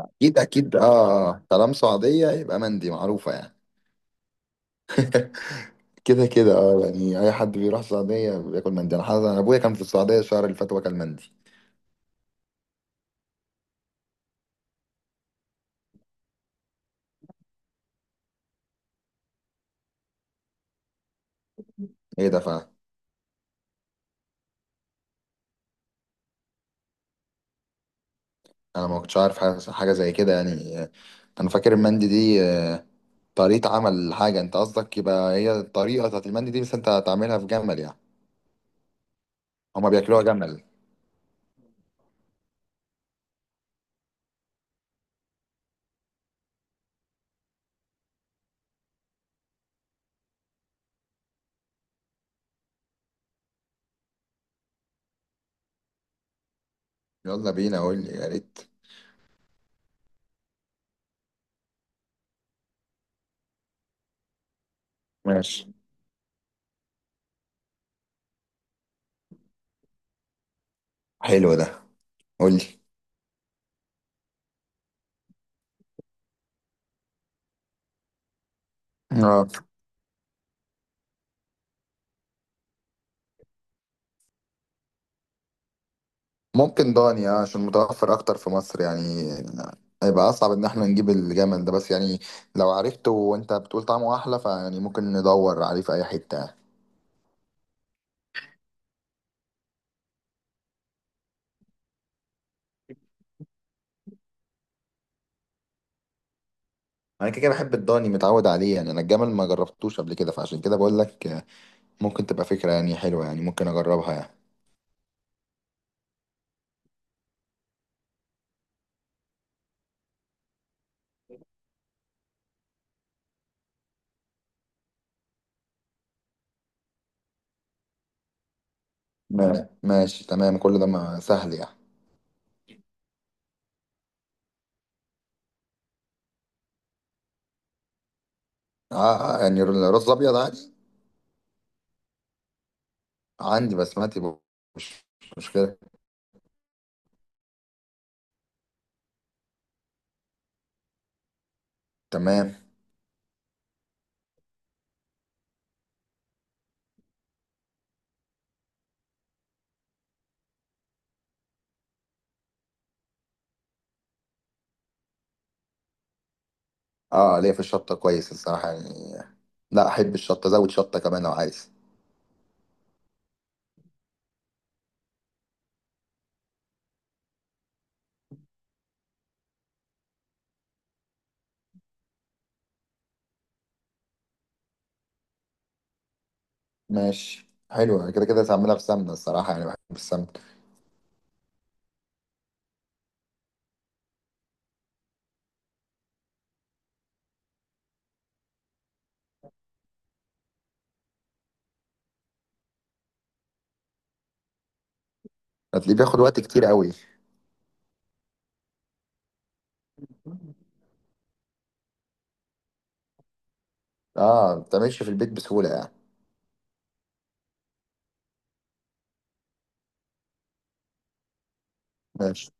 اكيد اكيد، اه طالما سعوديه يبقى مندي معروفه يعني. كده كده، اه يعني اي حد بيروح السعوديه بياكل مندي. انا حاسس انا ابويا كان في السعوديه الشهر اللي فات وكل مندي. ايه ده فعلا؟ انا ما كنتش عارف حاجة زي كده يعني. انا فاكر المندي دي، طريقه عمل حاجه انت قصدك؟ يبقى هي الطريقه بتاعت المندي دي بس انت هتعملها في جمل يعني. هما بياكلوها جمل. يلا بينا، قول لي يا ريت. ماشي، حلو ده، قول لي. اه، ممكن داني، عشان متوفر اكتر في مصر يعني. هيبقى اصعب ان احنا نجيب الجمل ده بس يعني. لو عرفته وانت بتقول طعمه احلى فيعني ممكن ندور عليه في اي حته يعني. انا كده كده بحب الضاني، متعود عليه يعني. انا الجمل ما جربتوش قبل كده، فعشان كده بقول لك، ممكن تبقى فكره يعني حلوه يعني، ممكن اجربها يعني. ماشي، تمام، كل ده ما سهل يعني. آه، آه، يعني الرز ابيض عادي؟ عندي بسمتي، مش مشكله. تمام. اه، ليا في الشطه كويس الصراحه يعني، لا احب الشطه، زود شطه كمان لو عايز. ماشي، حلوة، كده كده هتعملها في سمنة الصراحة يعني، بحب السمك. هتلاقيه بياخد وقت كتير قوي. اه، ما بتعملش في البيت بسهولة يعني. ماشي،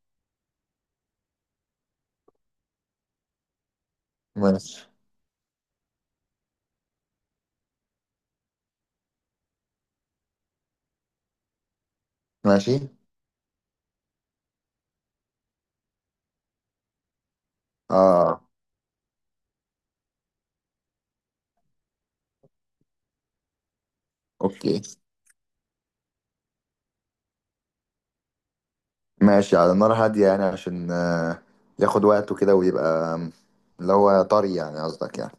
ماشي، ماشي، اه، اوكي. ماشي، على نار هادية يعني عشان ياخد وقته كده، ويبقى اللي هو طري يعني قصدك يعني.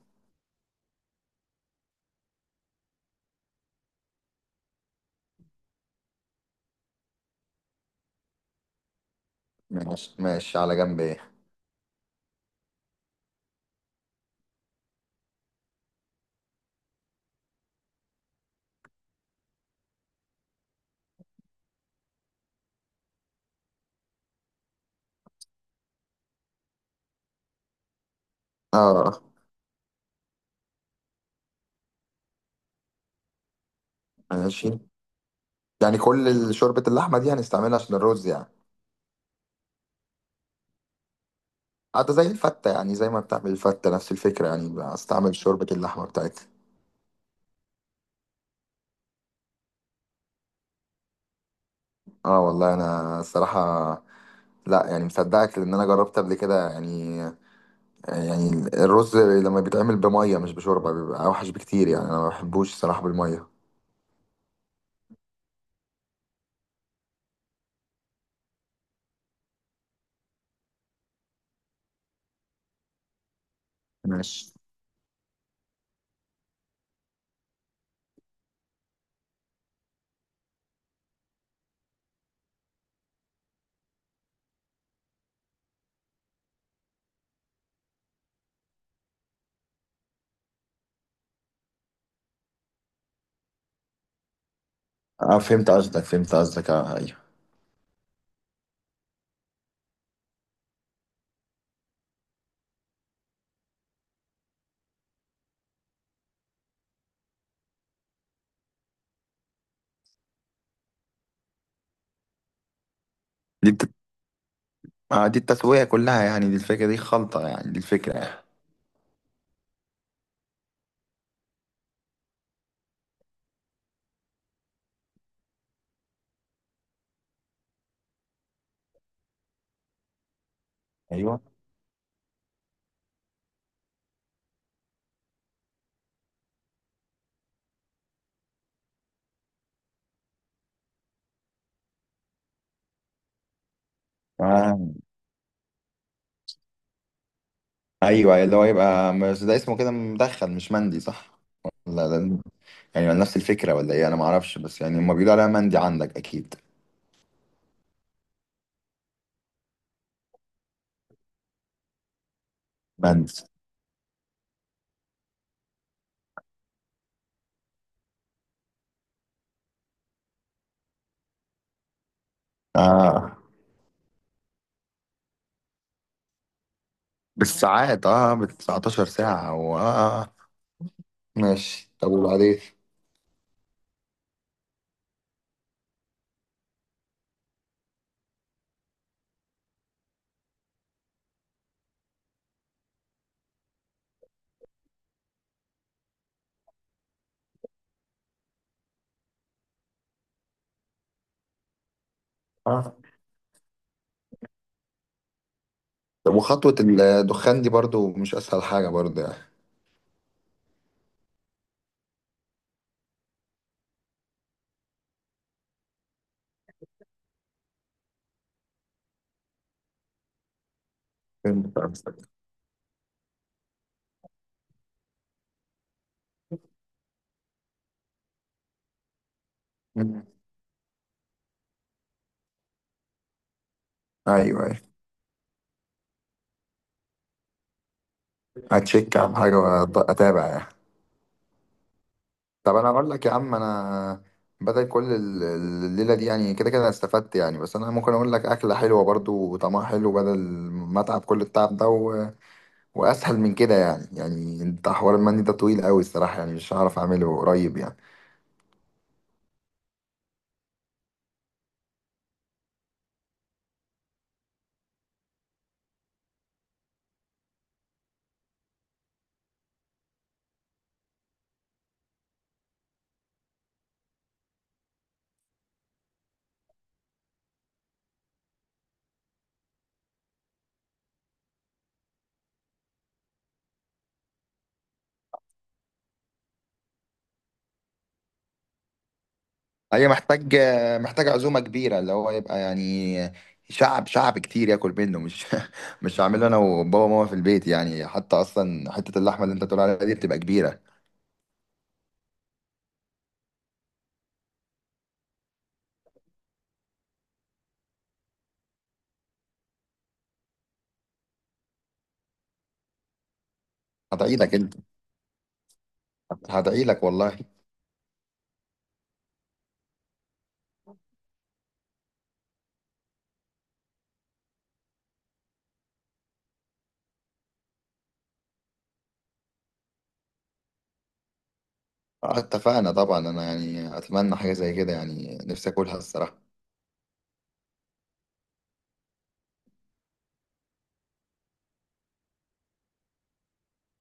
ماشي، ماشي على جنب ايه. اه، ماشي. يعني كل شوربة اللحمة دي هنستعملها عشان الرز يعني؟ حتى زي الفتة يعني، زي ما بتعمل الفتة نفس الفكرة يعني، هستعمل شوربة اللحمة بتاعتها. اه والله انا الصراحه، لا يعني مصدقك، لان انا جربت قبل كده يعني الرز لما بيتعمل بميه مش بشوربه بيبقى اوحش بكتير يعني، انا ما بحبوش الصراحه بالميه. ماشي. اه فهمت قصدك، فهمت قصدك، اه، ايوه. دي بت... آه، دي التسوية كلها يعني، دي الفكرة، دي خلطة يعني، دي الفكرة يعني. ايوه. آه. ايوه، اللي هو يبقى بس ده اسمه كده مدخن مش مندي، صح؟ ولا ده يعني نفس الفكرة، ولا ايه؟ انا ما اعرفش، بس يعني هما بيقولوا عليها مندي عندك اكيد. مندي. اه، بالساعات، اه، بال 19 ساعة ماشي. طب وبعدين؟ اه، طب وخطوة الدخان دي برضو مش أسهل حاجة برضو يعني. فهمت قصدك. مم. أيوه، أيوه. هتشيك على حاجة وأتابع يعني. طب أنا أقول لك يا عم، أنا بدل كل الليلة دي يعني، كده كده أنا استفدت يعني، بس أنا ممكن أقول لك أكلة حلوة برضو وطعمها حلو، بدل ما أتعب كل التعب ده وأسهل من كده يعني أنت حوار المندي ده طويل أوي الصراحة يعني، مش هعرف أعمله قريب يعني. هي محتاج عزومة كبيرة، اللي هو يبقى يعني شعب شعب كتير ياكل منه، مش مش هعمله انا وبابا وماما في البيت يعني. حتى اصلا حتة اللحمة اللي انت بتقول عليها دي بتبقى كبيرة. هدعي لك انت، هدعي لك والله. اتفقنا طبعا، انا يعني اتمنى حاجة زي كده يعني، نفسي اكلها الصراحة.